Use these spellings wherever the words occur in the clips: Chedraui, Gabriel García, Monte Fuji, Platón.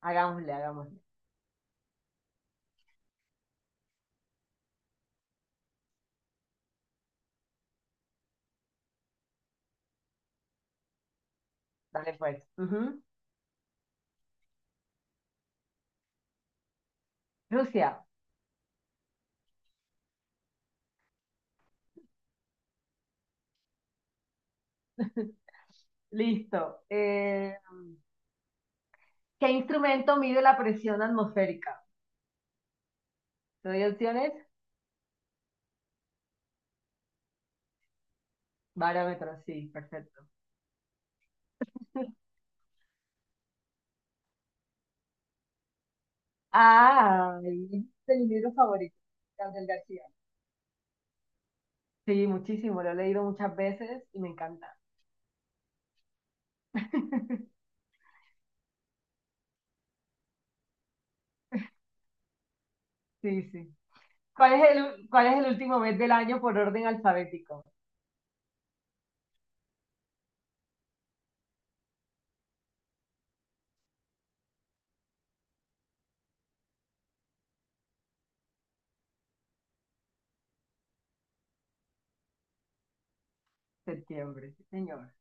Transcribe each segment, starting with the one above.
Hagámosle, hagámosle. Dale pues. Ujú. Rusia. Listo. ¿Qué instrumento mide la presión atmosférica? ¿Te doy opciones? Barómetro, sí, perfecto. Ah, este es mi libro favorito, Gabriel García. Sí, muchísimo, lo he leído muchas veces y me encanta. Sí, sí. ¿Cuál es el último mes del año por orden alfabético? Septiembre, sí, señor.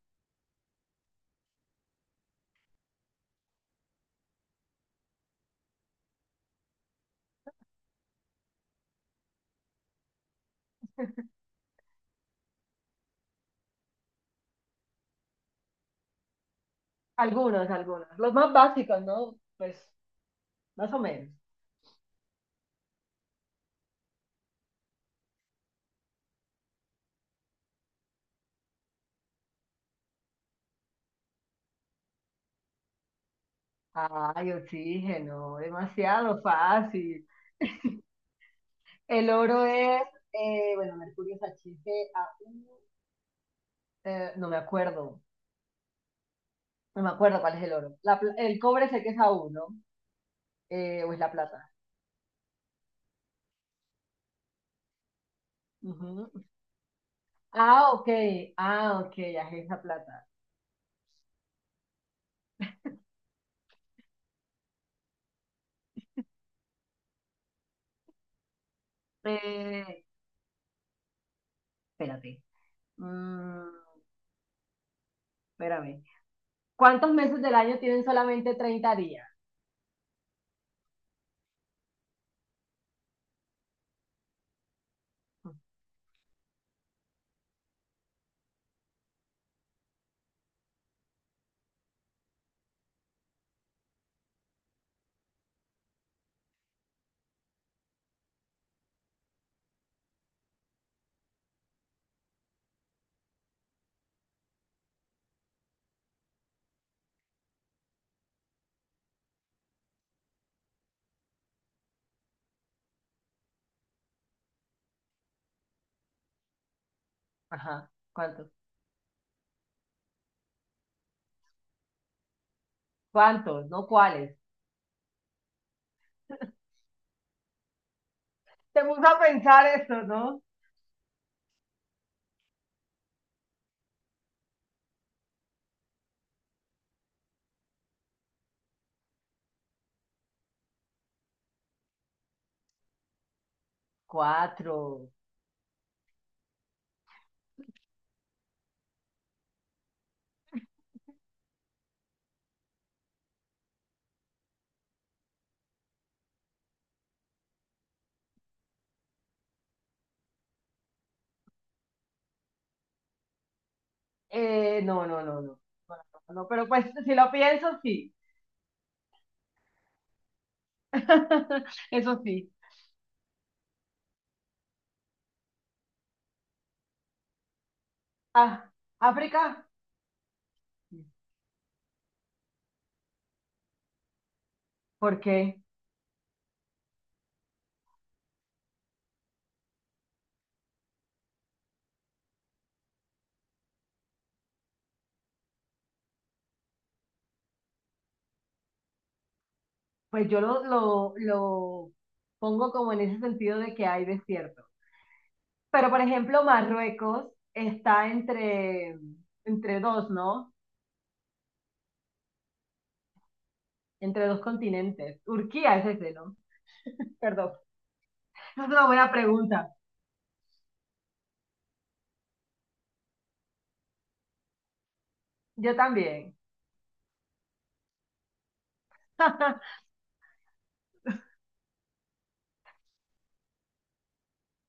Algunos, algunos. Los más básicos, ¿no? Pues más o menos. Ay, oxígeno, demasiado fácil. El oro es, bueno, mercurio es HCAU, eh, no me acuerdo, no me acuerdo cuál es el oro. El cobre sé que es A1, ¿no? O es la plata. Ujú. Ah, ok, ah, ok, ya es la plata. Eh, Espérate. Mm, Espérame. ¿Cuántos meses del año tienen solamente 30 días? Ajá, ¿cuántos? ¿Cuántos? ¿No cuáles? Te gusta pensar esto, ¿no? Cuatro. No, no, no, no, no, no, no, pero pues si lo pienso, sí. Eso sí. Ah, África, ¿por qué? Pues yo lo pongo como en ese sentido de que hay desierto. Pero por ejemplo, Marruecos está entre dos, ¿no? Entre dos continentes. Turquía es ese, ¿no? Perdón. Esa es una buena pregunta. Yo también.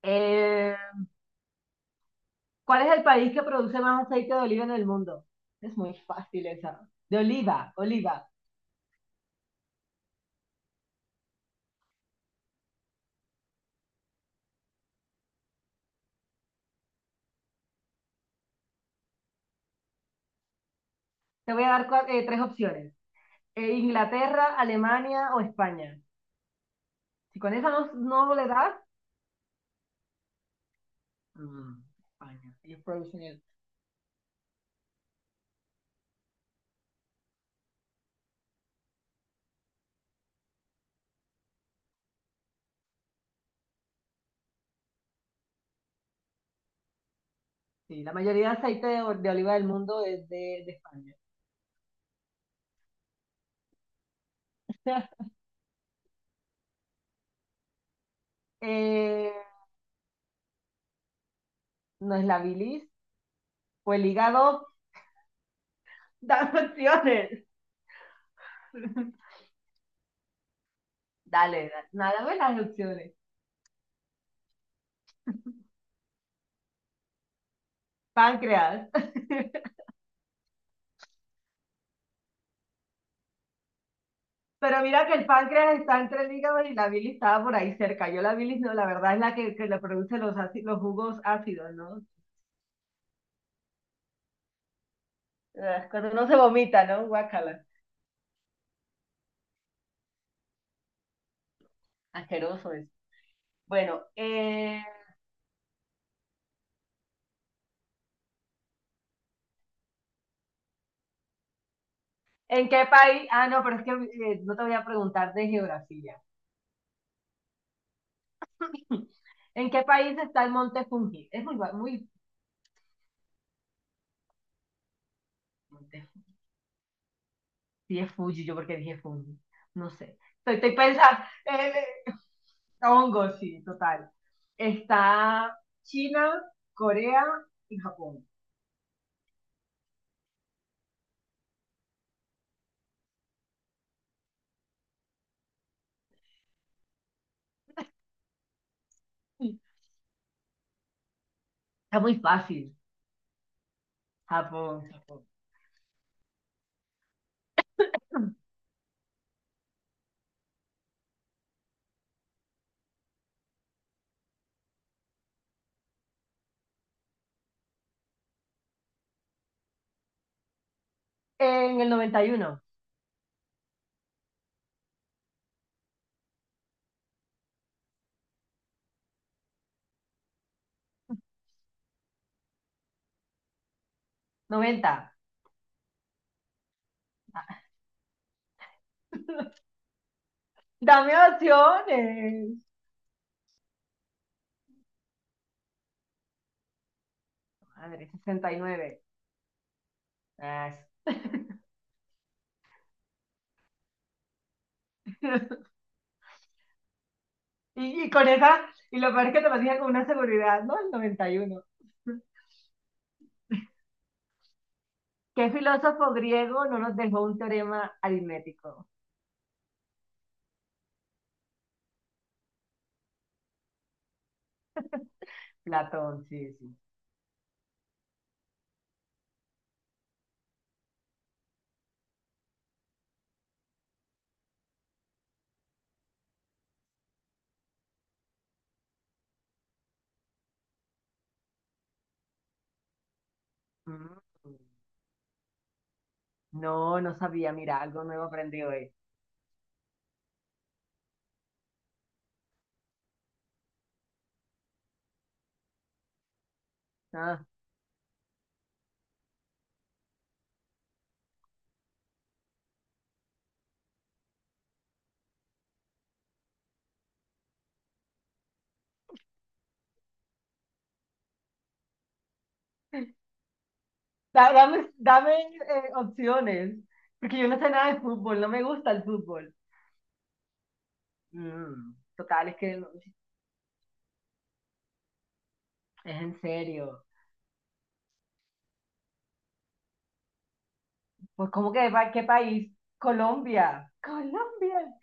Eh, ¿Cuál es el país que produce más aceite de oliva en el mundo? Es muy fácil esa. De oliva, oliva. Te voy a dar tres opciones. Inglaterra, Alemania o España. Si con esa no, no le das, mm, España. Ellos producen el-, sí, la mayoría de aceite de oliva del mundo es de España. Eh, ¿No es la bilis o el hígado? Dame opciones. Dale, nada más las opciones. Páncreas. Pero mira que el páncreas está entre el hígado y la bilis estaba por ahí cerca. Yo la bilis, no, la verdad es la que le produce los jugos ácidos, ¿no? Ah, cuando uno se vomita, ¿no? Guácala. Asqueroso es. Bueno, ¿en qué país? Ah, no, pero es que no te voy a preguntar de geografía. ¿En qué país está el Monte Fuji? Es muy, Sí, es Fuji, yo porque dije Fuji. No sé. Estoy pensando. Hongo, sí, total. Está China, Corea y Japón. Está muy fácil. Japón, Japón. En el 91. 90. Dame opciones. Madre, 69. Ah, sí. Y con esa, y lo peor es que te lo dije con una seguridad, ¿no? El 91. ¿Qué filósofo griego no nos dejó un teorema aritmético? Platón, sí, sí. Mm. No, no sabía, mira, algo nuevo aprendí hoy. Ah, dame opciones, porque yo no sé nada de fútbol, no me gusta el fútbol. Mm, total, es que es en serio. Pues, ¿cómo que qué país? Colombia. Colombia.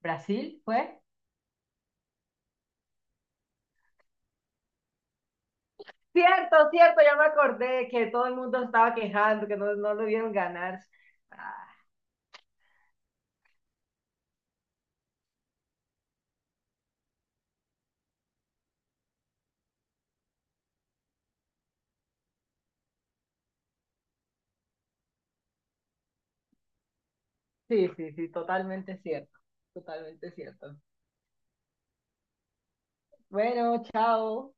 ¿Brasil fue? Cierto, cierto, ya me acordé que todo el mundo estaba quejando, que no, no lo vieron ganar. Ah, sí, sí, sí, totalmente cierto, totalmente cierto. Bueno, chao.